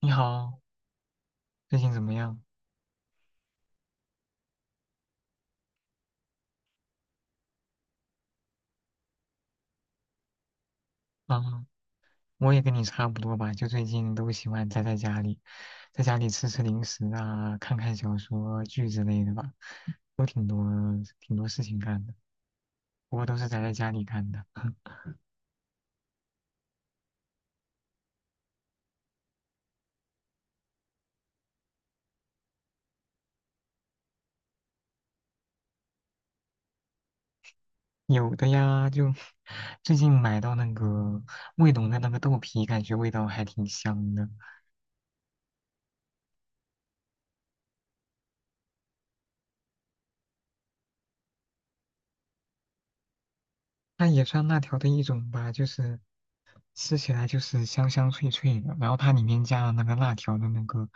你好，最近怎么样？啊，我也跟你差不多吧，就最近都喜欢宅在家里，在家里吃吃零食啊，看看小说剧之类的吧，都挺多事情干的，不过都是宅在家里干的。有的呀，就最近买到那个卫龙的那个豆皮，感觉味道还挺香的，那也算辣条的一种吧，就是吃起来就是香香脆脆的，然后它里面加了那个辣条的那个，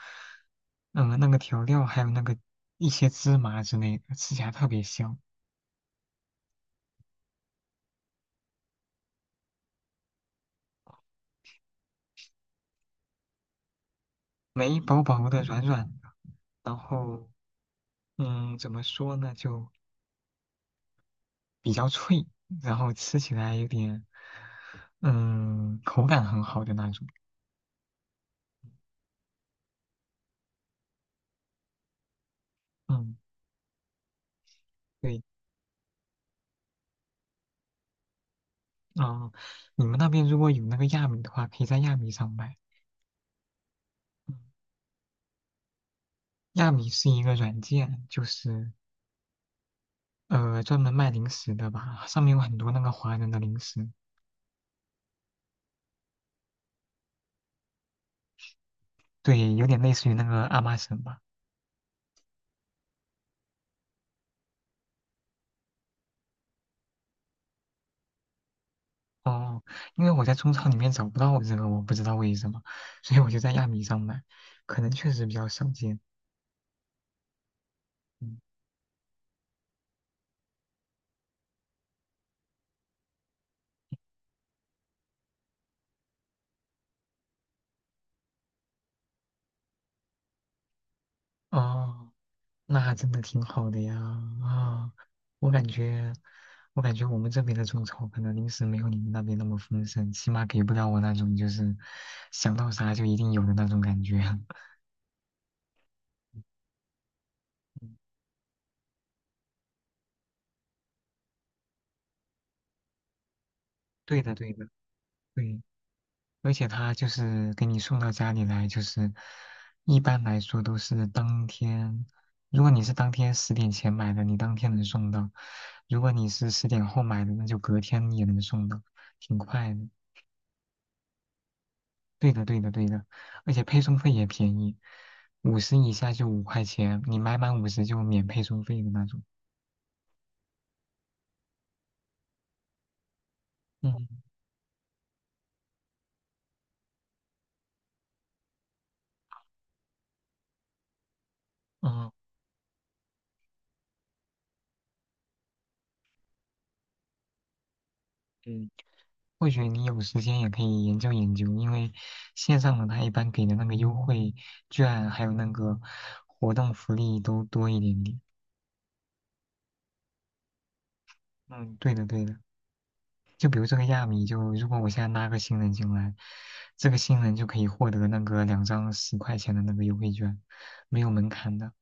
嗯，那个调料，还有那个一些芝麻之类的，吃起来特别香，梅薄薄的、软软的，然后怎么说呢，就比较脆，然后吃起来有点，口感很好的那种，嗯，对，嗯，你们那边如果有那个亚米的话，可以在亚米上买。嗯亚米是一个软件，就是专门卖零食的吧，上面有很多那个华人的零食，对，有点类似于那个阿玛什吧。哦，因为我在中超里面找不到这个，我不知道为什么，所以我就在亚米上买，可能确实比较少见。嗯，哦，那还真的挺好的呀。啊、我感觉，我感觉，我们这边的中超可能零食没有你们那边那么丰盛，起码给不了我那种就是想到啥就一定有的那种感觉。嗯，对的，对的，对。而且他就是给你送到家里来，就是一般来说都是当天，如果你是当天十点前买的，你当天能送到；如果你是十点后买的，那就隔天也能送到，挺快的。对的，对的，对的，而且配送费也便宜，五十以下就5块钱，你买满五十就免配送费的那种。嗯嗯。或许你有时间也可以研究研究，因为线上的它一般给的那个优惠券还有那个活动福利都多一点点。嗯，对的对的，就比如这个亚米，就如果我现在拉个新人进来，这个新人就可以获得那个两张10块钱的那个优惠券，没有门槛的。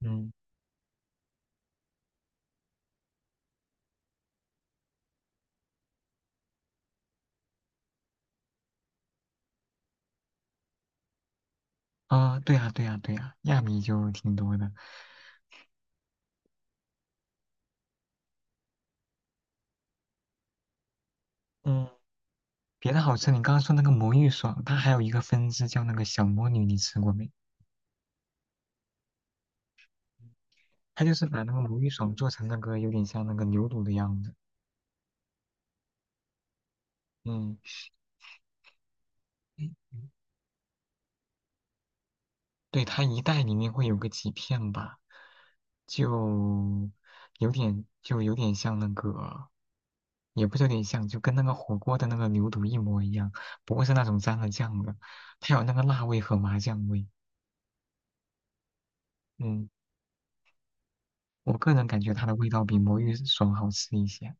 嗯，啊，对呀对呀对呀，亚米就挺多的。嗯，别的好吃，你刚刚说那个魔芋爽，它还有一个分支叫那个小魔女，你吃过没？它就是把那个魔芋爽做成那个有点像那个牛肚的样子。嗯，对，它一袋里面会有个几片吧，就就有点像那个，也不是有点像，就跟那个火锅的那个牛肚一模一样，不过是那种沾了酱的，它有那个辣味和麻酱味。嗯，我个人感觉它的味道比魔芋爽好吃一些，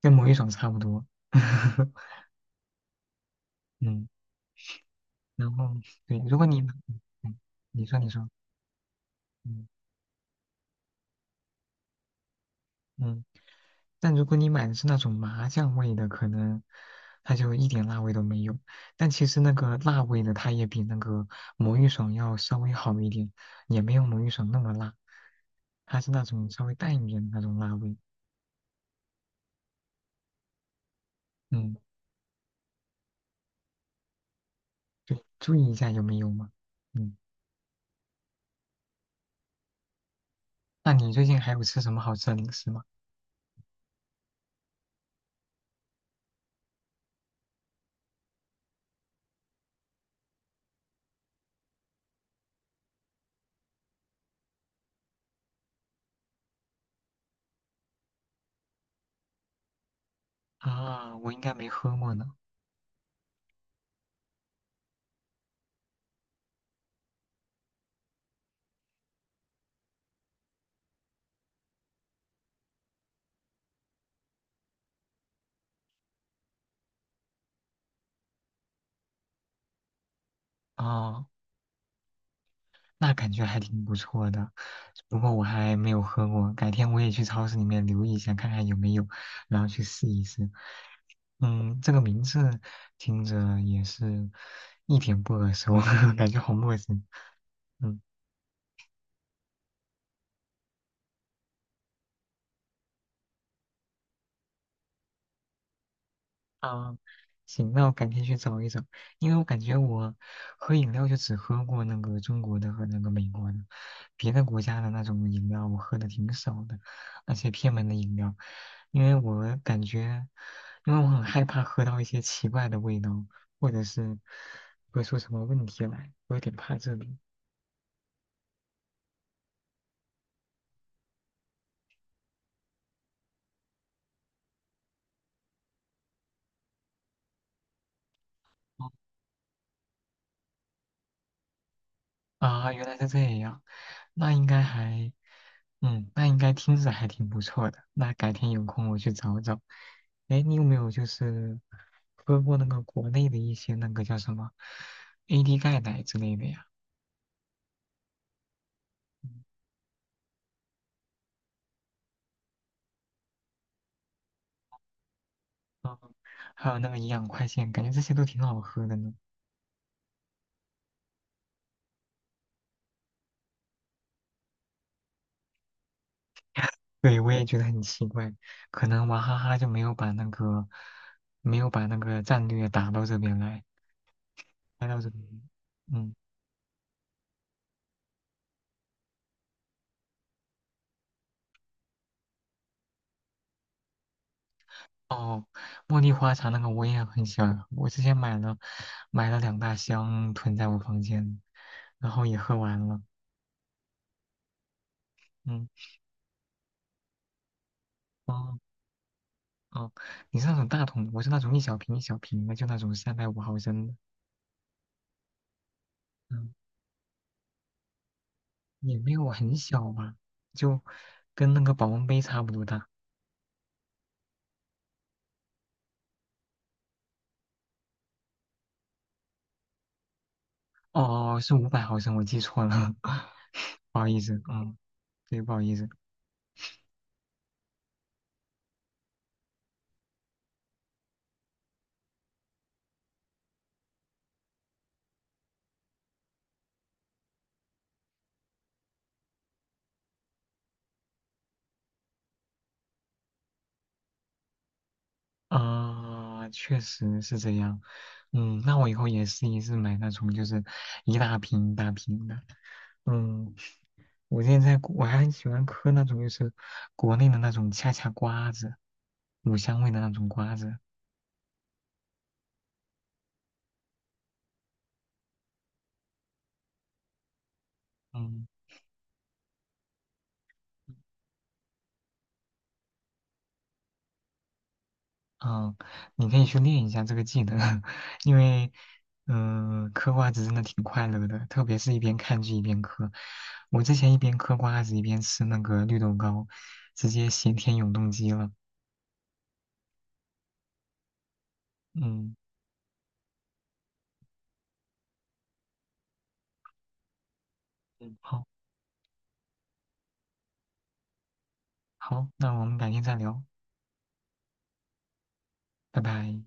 跟魔芋爽差不多。嗯，然后对，如果你嗯你说你说，嗯嗯。但如果你买的是那种麻酱味的，可能它就一点辣味都没有。但其实那个辣味的，它也比那个魔芋爽要稍微好一点，也没有魔芋爽那么辣，它是那种稍微淡一点的那种辣味。嗯，对，注意一下有没有嘛。嗯，那你最近还有吃什么好吃的零食吗？啊，我应该没喝过呢。啊。那感觉还挺不错的。不过我还没有喝过，改天我也去超市里面留意一下，看看有没有，然后去试一试。嗯，这个名字听着也是一点不耳熟，感觉好陌生。嗯。啊，行，那我改天去找一找，因为我感觉我喝饮料就只喝过那个中国的和那个美国的，别的国家的那种饮料我喝的挺少的，而且偏门的饮料，因为我感觉，因为我很害怕喝到一些奇怪的味道，或者是喝出什么问题来，我有点怕这个。啊，原来是这样，那应该还，那应该听着还挺不错的。那改天有空我去找找。哎，你有没有就是喝过那个国内的一些那个叫什么 AD 钙奶之类的呀？还有那个营养快线，感觉这些都挺好喝的呢。对，我也觉得很奇怪，可能娃哈哈就没有把那个战略打到这边来，带到这边。嗯。哦，茉莉花茶那个我也很喜欢我之前买了两大箱囤在我房间，然后也喝完了。嗯，哦哦，你是那种大桶的我是那种一小瓶一小瓶的，就那种350毫升的。嗯，也没有很小吧，就跟那个保温杯差不多大。哦，哦哦是500毫升，我记错了，不好意思。嗯，对，不好意思。啊，确实是这样。嗯，那我以后也试一试买那种就是一大瓶一大瓶的。嗯，我现在我还很喜欢嗑那种就是国内的那种恰恰瓜子，乳香味的那种瓜子。嗯嗯，你可以去练一下这个技能，因为嗑瓜子真的挺快乐的，特别是一边看剧一边嗑。我之前一边嗑瓜子一边吃那个绿豆糕，直接咸甜永动机了。嗯，嗯，好，好，那我们改天再聊，拜拜。